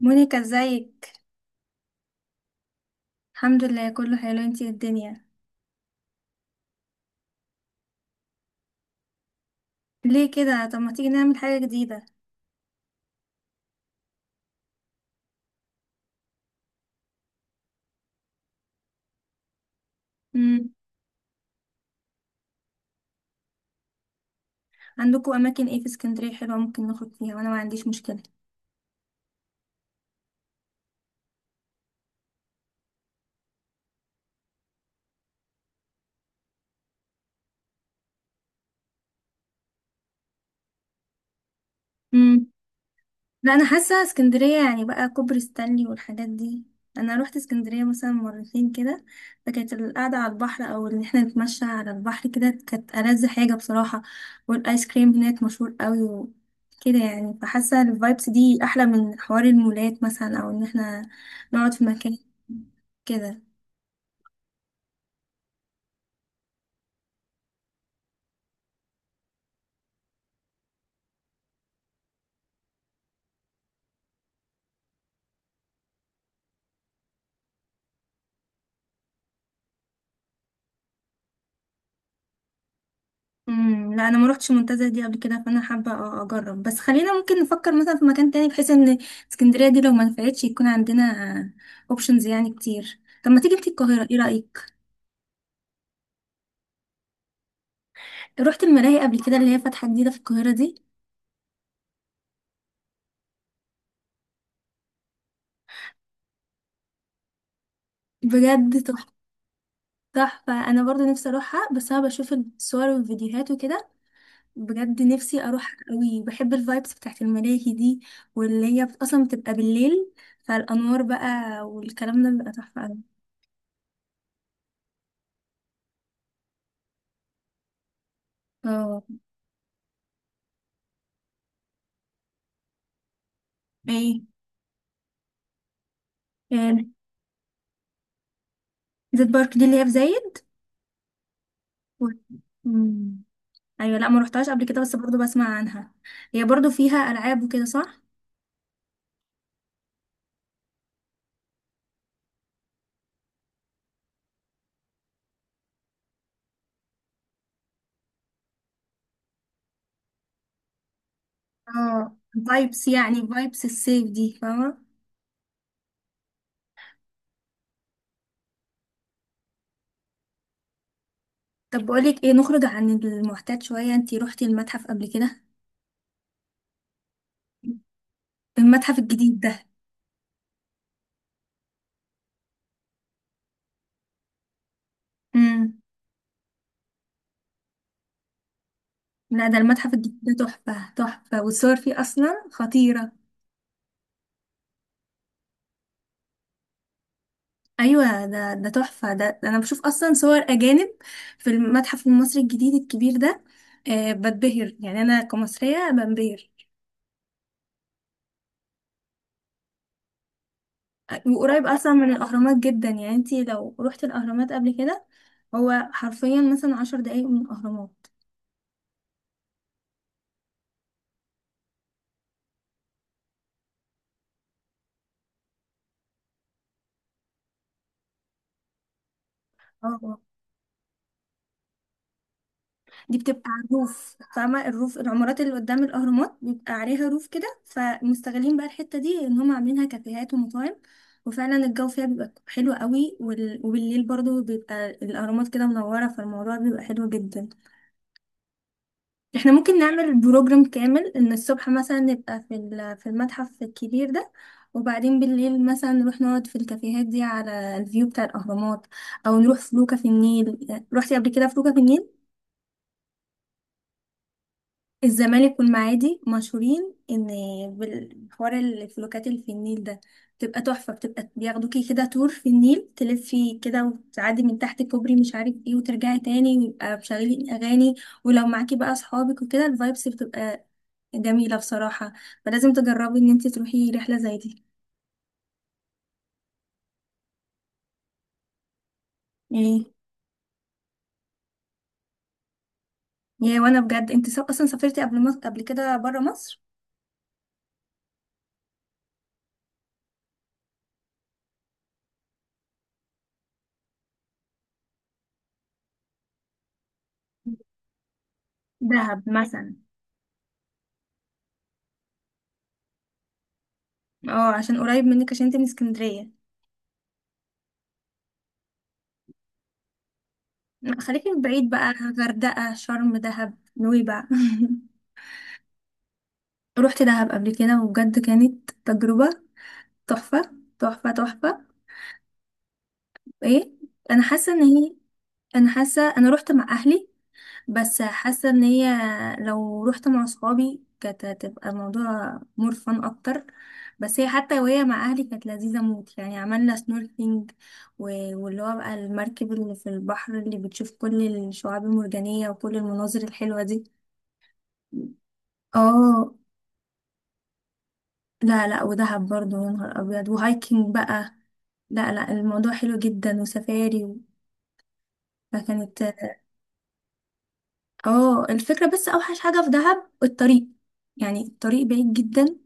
مونيكا، ازيك؟ الحمد لله كله حلو، انتي ايه الدنيا؟ ليه كده؟ طب ما تيجي نعمل حاجة جديدة. امم. عندكم اماكن ايه في اسكندرية حلوة ممكن نخرج فيها؟ وانا ما عنديش مشكلة. لا، انا حاسه اسكندريه يعني بقى كوبري ستانلي والحاجات دي. انا روحت اسكندريه مثلا مرتين كده، فكانت القعده على البحر او ان احنا نتمشى على البحر كده كانت ألذ حاجه بصراحه. والايس كريم هناك مشهور قوي وكده، يعني فحاسه الفايبس دي احلى من حوار المولات مثلا او ان احنا نقعد في مكان كده. امم. لا انا ما روحتش المنتزه دي قبل كده، فانا حابه اجرب، بس خلينا ممكن نفكر مثلا في مكان تاني بحيث ان اسكندريه دي لو ما نفعتش يكون عندنا اوبشنز يعني كتير. طب ما تيجي انتي القاهره؟ ايه رايك؟ رحت الملاهي قبل كده اللي هي فاتحه جديده في القاهره دي؟ بجد تحفه. تحفه، انا برضو نفسي اروحها بس انا بشوف الصور والفيديوهات وكده. بجد نفسي اروح قوي، بحب الفايبس بتاعت الملاهي دي، واللي هي اصلا بتبقى بالليل، فالانوار بقى والكلام ده بيبقى تحفه قوي. اه. ايه؟ آه. زيت بارك دي اللي هي في زايد؟ و- مم. ايوه. لا ما روحتهاش قبل كده بس برضو بسمع عنها. هي برضو فيها العاب وكده صح؟ اه، فايبس يعني، فايبس السيف دي فاهمه؟ طب بقولك ايه، نخرج عن المعتاد شويه، انتي روحتي المتحف قبل كده؟ المتحف الجديد ده. امم. لا ده المتحف الجديد ده تحفه تحفه، والصور فيه اصلا خطيره. ايوه، ده تحفه، ده انا بشوف اصلا صور اجانب في المتحف المصري الجديد الكبير ده. أه بتبهر، يعني انا كمصريه بنبهر. وقريب اصلا من الاهرامات جدا، يعني انتي لو روحتي الاهرامات قبل كده. هو حرفيا مثلا 10 دقايق من الاهرامات. اه. آه. دي بتبقى على الروف، فاهمة؟ الروف، العمارات اللي قدام الاهرامات بيبقى عليها روف كده، فمستغلين بقى الحتة دي ان هم عاملينها كافيهات ومطاعم. وفعلا الجو فيها بيبقى حلو قوي، وبالليل برضو بيبقى الاهرامات كده منورة، فالموضوع بيبقى حلو جدا. احنا ممكن نعمل بروجرام كامل، ان الصبح مثلا نبقى في في المتحف الكبير ده، وبعدين بالليل مثلا نروح نقعد في الكافيهات دي على الفيو بتاع الاهرامات، او نروح فلوكة في النيل. روحتي قبل كده فلوكة في النيل؟ الزمالك والمعادي مشهورين ان بالحوار الفلوكات اللي في النيل ده بتبقى تحفة، بتبقى بياخدوكي كده تور في النيل، تلفي كده وتعدي من تحت كوبري مش عارف ايه وترجعي تاني، ويبقى مشغلين اغاني. ولو معاكي بقى اصحابك وكده الفايبس بتبقى جميلة بصراحة. فلازم تجربي ان انت تروحي رحلة زي دي. ايه؟ يا وانا بجد، انت اصلا سافرتي قبل مصر، قبل كده برا مصر؟ دهب مثلا. اه عشان قريب منك، عشان انت من اسكندرية. لأ، خليكي من بعيد بقى. غردقة، شرم، دهب، نويبع روحت دهب قبل كده وبجد كانت تجربة تحفة. تحفة تحفة. ايه؟ انا حاسة ان هي، انا حاسه انا روحت مع اهلي، بس حاسه ان هي لو روحت مع صحابي كانت هتبقى موضوع مرفن اكتر. بس هي حتى وهي مع اهلي كانت لذيذه موت، يعني عملنا سنوركلينج واللي هو بقى المركب اللي في البحر اللي بتشوف كل الشعاب المرجانيه وكل المناظر الحلوه دي. اه. لا لا، ودهب برضو يا نهار ابيض، وهايكنج بقى. لا لا، الموضوع حلو جدا، وسفاري فكانت. اه الفكرة، بس اوحش حاجة في دهب الطريق. يعني الطريق بعيد جدا.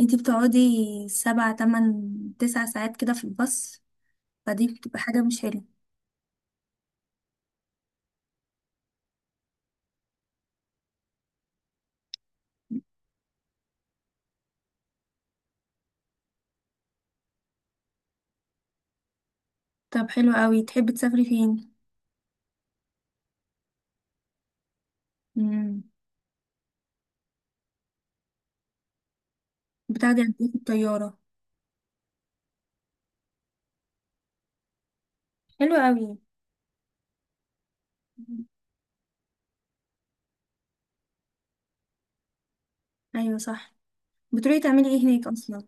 انتي بتقعدي 7 8 9 ساعات كده في الباص، فدي بتبقى حاجة مش حلوة. طب حلو قوي، تحبي تسافري فين؟ امم. بتاخدي قد ايه في الطيارة؟ حلو قوي. ايوه صح. بتروحي تعملي ايه هناك اصلا؟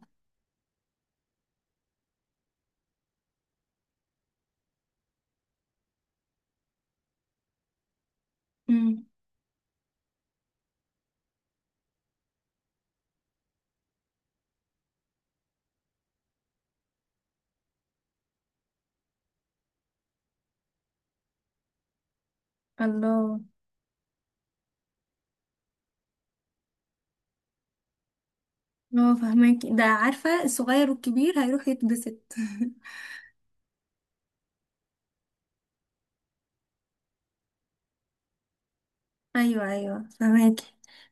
امم. الله. اه فهماكي، ده عارفة الصغير والكبير هيروح يتبسط ايوه ايوه فهماكي.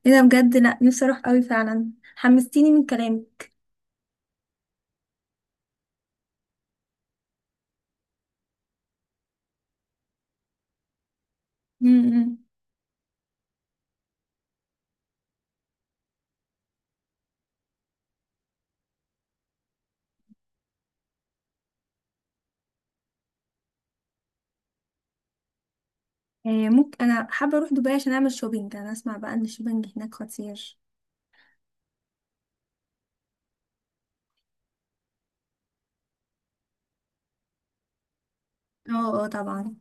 ايه ده بجد! لا، نفسي اروح قوي فعلا، حمستيني من كلامك. امم. إيه؟ ممكن انا حابه اروح دبي عشان اعمل شوبينج، انا اسمع بقى ان الشوبينج هناك خطير. اه اه طبعا.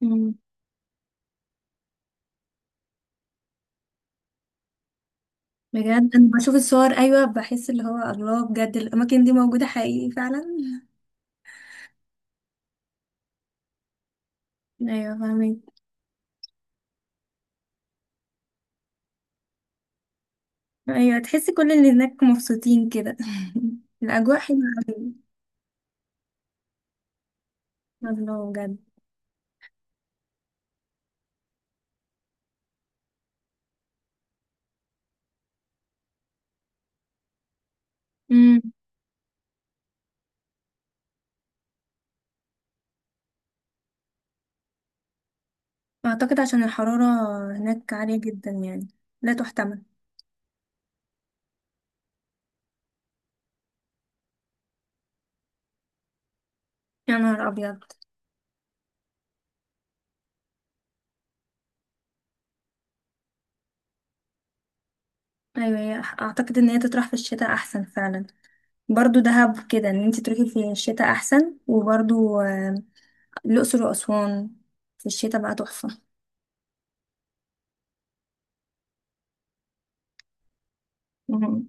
مم. بجد انا بشوف الصور، ايوه بحس اللي هو الله، بجد الاماكن دي موجوده حقيقي فعلا ايوه فاهمين. ايوه، تحسي كل اللي هناك مبسوطين كده الاجواء حلوه قوي. الله بجد. امم. اعتقد عشان الحراره هناك عاليه جدا، يعني لا تحتمل. يا نهار ابيض. ايوه، اعتقد ان هي تطرح في الشتاء احسن فعلا. برضو دهب كده، ان انت تروحي في الشتاء احسن. وبرضو الاقصر واسوان في الشتاء بقى تحفه. مهم.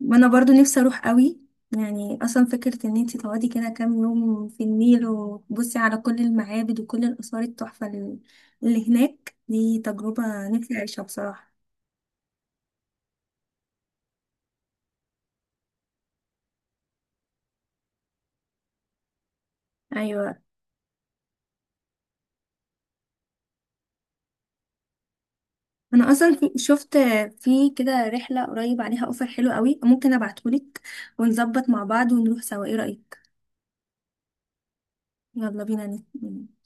وانا برضو نفسي اروح قوي. يعني اصلا فكره ان انت تقعدي كده كام يوم في النيل، وتبصي على كل المعابد وكل الاثار التحفه اللي هناك دي، تجربه نفسي اعيشها بصراحه. ايوه. انا اصلا شفت في كده رحله قريب عليها اوفر حلو قوي، ممكن ابعتهولك ونظبط مع بعض ونروح سوا، ايه رايك؟ يلا بينا